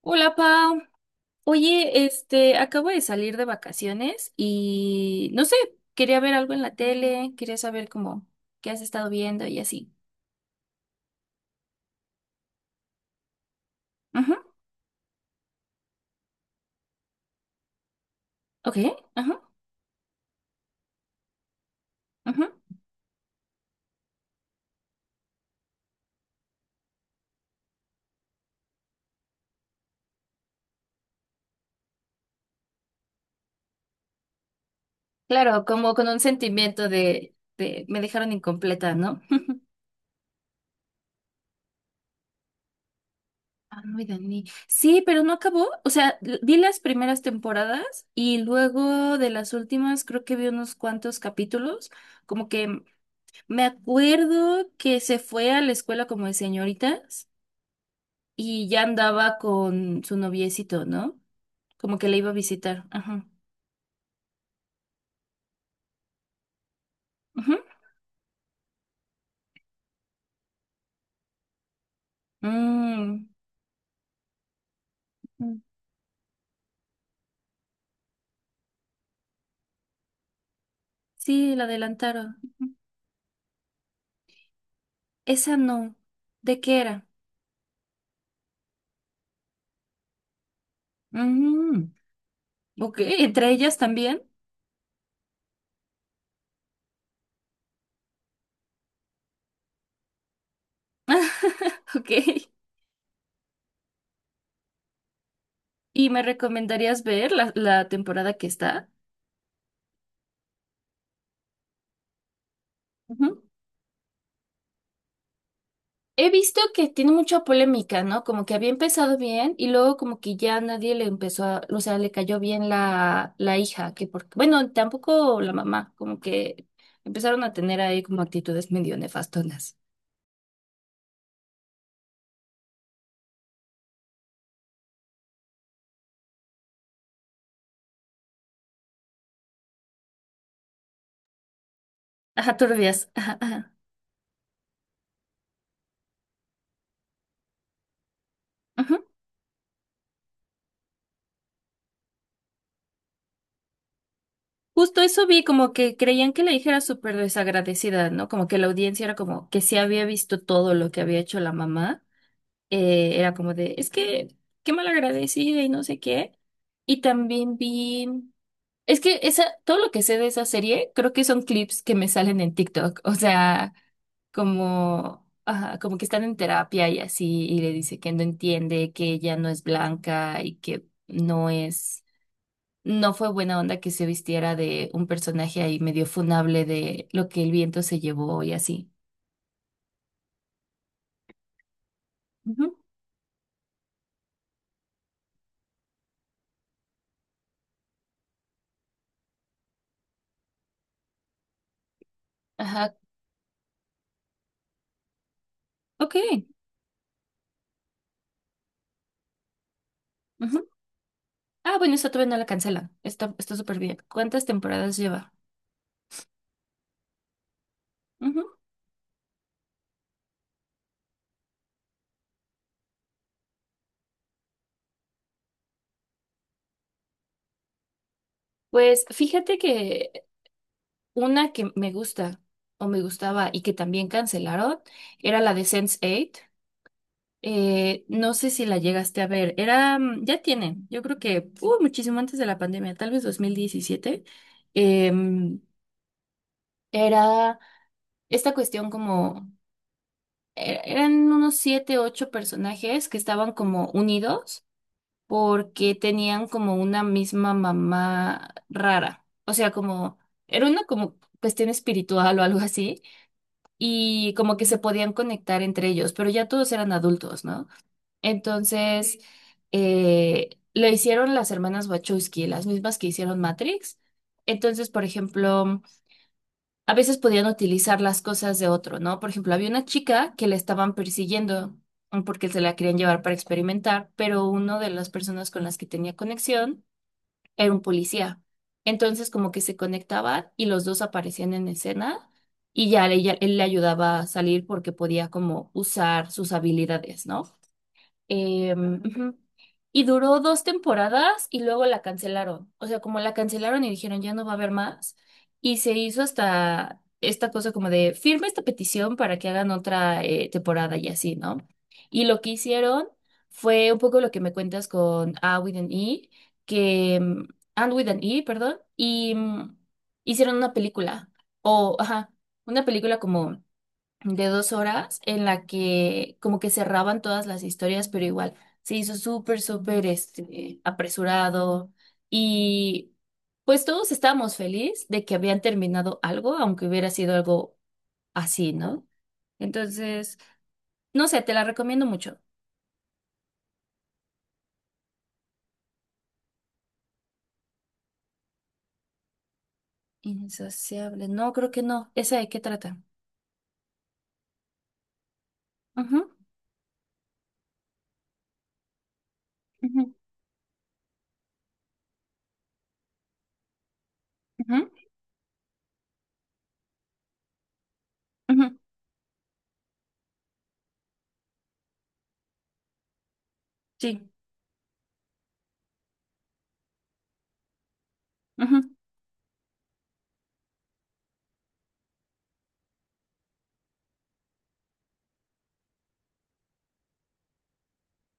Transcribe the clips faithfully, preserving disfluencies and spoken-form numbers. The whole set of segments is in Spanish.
Hola, Pau. Oye, este, acabo de salir de vacaciones y no sé, quería ver algo en la tele, quería saber cómo, qué has estado viendo y así. Ajá, ok, ajá, ajá. Claro, como con un sentimiento de, de me dejaron incompleta, ¿no? Ah, muy Dani. Sí, pero no acabó. O sea, l- vi las primeras temporadas y luego de las últimas creo que vi unos cuantos capítulos. Como que me acuerdo que se fue a la escuela como de señoritas y ya andaba con su noviecito, ¿no? Como que le iba a visitar. Ajá. Ujú. Mm. Mm. Sí, la adelantaron. Ujú. Esa no. ¿De qué era? Mm. Ok, ¿entre ellas también? Ok. ¿Y me recomendarías ver la, la temporada que está? He visto que tiene mucha polémica, ¿no? Como que había empezado bien y luego como que ya nadie le empezó a, o sea, le cayó bien la, la hija, que porque, bueno, tampoco la mamá, como que empezaron a tener ahí como actitudes medio nefastonas. Ajá, turbias. Ajá, ajá. Ujú. Justo eso vi, como que creían que la hija era súper desagradecida, ¿no? Como que la audiencia era como que sí había visto todo lo que había hecho la mamá. Eh, era como de, es que, qué mal agradecida y no sé qué. Y también vi. Es que esa, todo lo que sé de esa serie, creo que son clips que me salen en TikTok. O sea, como, ajá, como que están en terapia y así, y le dice que no entiende, que ella no es blanca y que no es, no fue buena onda que se vistiera de un personaje ahí medio funable de lo que el viento se llevó y así. Ujú. Ajá, ok. Ujú. Ah, bueno, esa todavía no la cancela. Está, está súper bien. ¿Cuántas temporadas lleva? Ujú. Pues fíjate que una que me gusta o me gustaba y que también cancelaron era la de Sense Eight. Eh, no sé si la llegaste a ver. Era, mm, ya tiene, yo creo que uh, muchísimo antes de la pandemia, tal vez dos mil diecisiete. Em, era esta cuestión como, e- eran unos siete, ocho personajes que estaban como unidos porque tenían como una misma mamá rara. O sea, como, era una como cuestión espiritual o algo así y como que se podían conectar entre ellos, pero ya todos eran adultos, ¿no? Entonces, eh, lo hicieron las hermanas Wachowski, las mismas que hicieron Matrix. Entonces, por ejemplo, a veces podían utilizar las cosas de otro, ¿no? Por ejemplo, había una chica que la estaban persiguiendo mm, porque se la querían llevar para experimentar, pero una de las personas con las que tenía conexión era un policía. Entonces como que se conectaban y los dos aparecían en escena y ya ella- él le ayudaba a salir porque podía como usar sus habilidades, ¿no? Eh, ujú. Y duró dos temporadas y luego la cancelaron. O sea, como la cancelaron y dijeron ya no va a haber más. Y se hizo hasta esta cosa como de firma esta petición para que hagan otra eh, temporada y así, ¿no? Y lo que hicieron fue un poco lo que me cuentas con A with an E, que mm, And with an E, perdón, y mm, hicieron una película. O, ajá, una película como de dos horas en la que como que cerraban todas las historias, pero igual se hizo súper, súper este, apresurado y pues todos estábamos felices de que habían terminado algo, aunque hubiera sido algo así, ¿no? Entonces, no sé, te la recomiendo mucho. Insaciable, no, creo que no. ¿Esa de qué trata? Ujú, ujú, ujú, ujú. Sí. Ujú,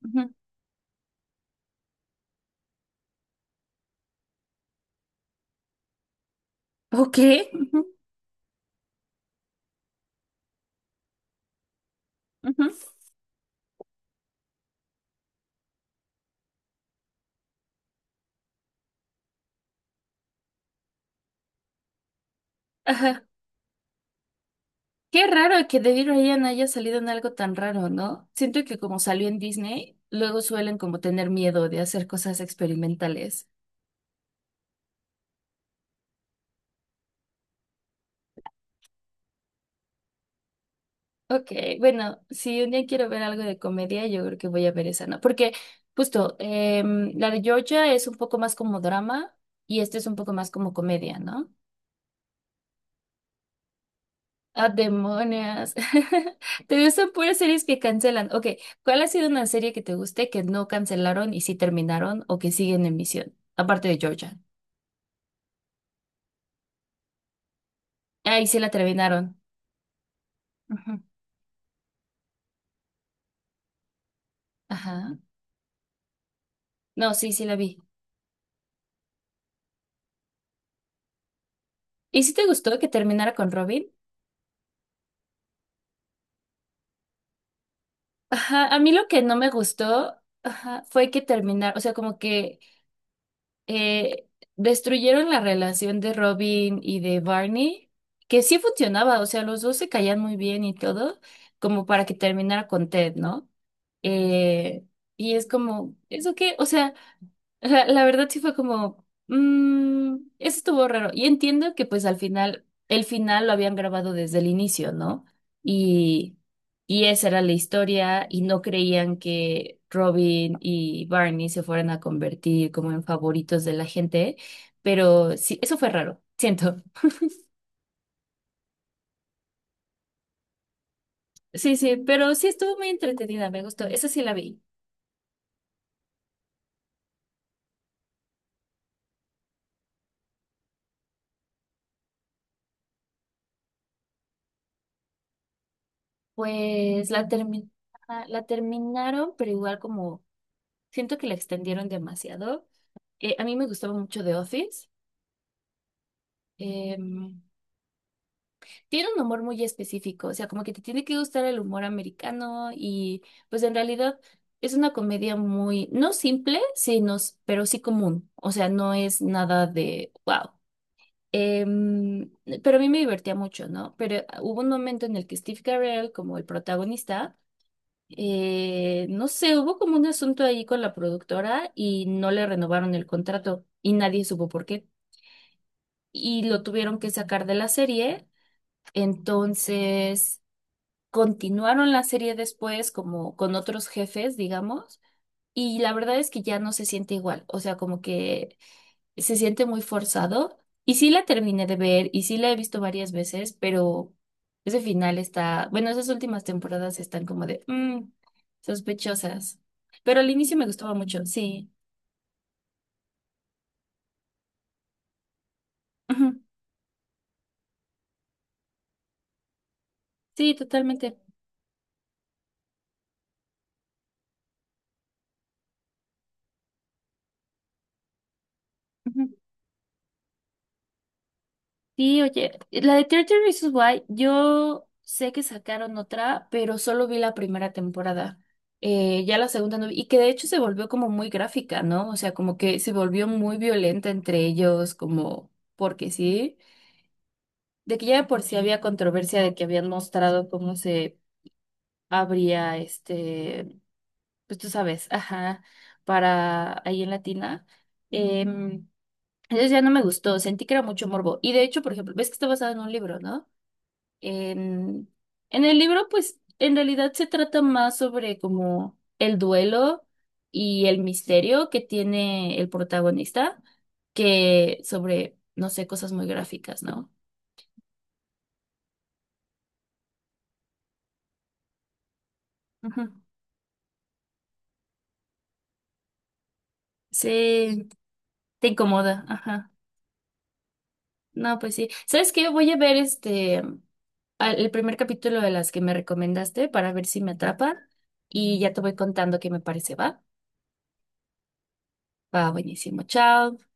ujú. Ok. Ujú, ujú, ajá. Qué raro que David Ryan haya salido en algo tan raro, ¿no? Siento que como salió en Disney, luego suelen como tener miedo de hacer cosas experimentales. Ok, bueno, si un día quiero ver algo de comedia, yo creo que voy a ver esa, ¿no? Porque justo, em, la de Georgia es un poco más como drama y este es un poco más como comedia, ¿no? Ah, demonios. Te gustan puras series que cancelan. Ok, ¿cuál ha sido una serie que te guste que no cancelaron y sí terminaron o que siguen en emisión? Aparte de Georgia. Ahí sí la terminaron. Ujú. Ajá. No, sí, sí la vi. ¿Y si te gustó que terminara con Robin? Ajá, a mí lo que no me gustó, ajá, fue que terminar, o sea, como que eh, destruyeron la relación de Robin y de Barney, que sí funcionaba, o sea, los dos se caían muy bien y todo, como para que terminara con Ted, ¿no? Eh, y es como, ¿eso qué? O sea. O sea, la verdad sí fue como, mm, eso estuvo raro. Y entiendo que pues al final, el final lo habían grabado desde el inicio, ¿no? Y, y esa era la historia y no creían que Robin y Barney se fueran a convertir como en favoritos de la gente, pero sí, eso fue raro, siento. Sí, sí, pero sí estuvo muy entretenida, me gustó. Esa sí la vi. Pues la termi- la terminaron, pero igual como siento que la extendieron demasiado. Eh, a mí me gustaba mucho The Office. Em, tiene un humor muy específico, o sea, como que te tiene que gustar el humor americano y pues en realidad es una comedia muy, no simple, sino, s- pero sí común, o sea, no es nada de, wow. Em, pero a mí me divertía mucho, ¿no? Pero hubo un momento en el que Steve Carell, como el protagonista, eh, no sé, hubo como un asunto ahí con la productora y no le renovaron el contrato y nadie supo por qué. Y lo tuvieron que sacar de la serie. Entonces, continuaron la serie después como con otros jefes, digamos, y la verdad es que ya no se siente igual, o sea, como que se siente muy forzado. Y sí la terminé de ver y sí la he visto varias veces, pero ese final está, bueno, esas últimas temporadas están como de mm, sospechosas. Pero al inicio me gustaba mucho, sí. Ujú. Sí, totalmente. Ujú. Sí, oye, la de trece Reasons Why, yo sé que sacaron otra, pero solo vi la primera temporada. Eh, ya la segunda no vi, y que de hecho se volvió como muy gráfica, ¿no? O sea, como que se volvió muy violenta entre ellos, como porque sí, de que ya de por sí había controversia de que habían mostrado cómo se abría este, pues tú sabes, ajá, para ahí en Latina. Em, entonces ya no me gustó, sentí que era mucho morbo. Y de hecho, por ejemplo, ves que está basado en un libro, ¿no? En, en el libro, pues, en realidad se trata más sobre como el duelo y el misterio que tiene el protagonista que sobre, no sé, cosas muy gráficas, ¿no? Ujú. Sí, te incomoda, ajá. No, pues sí. ¿Sabes qué? Voy a ver este al- el primer capítulo de las que me recomendaste para ver si me atrapa y ya te voy contando qué me parece, ¿va? Va, buenísimo. Chao.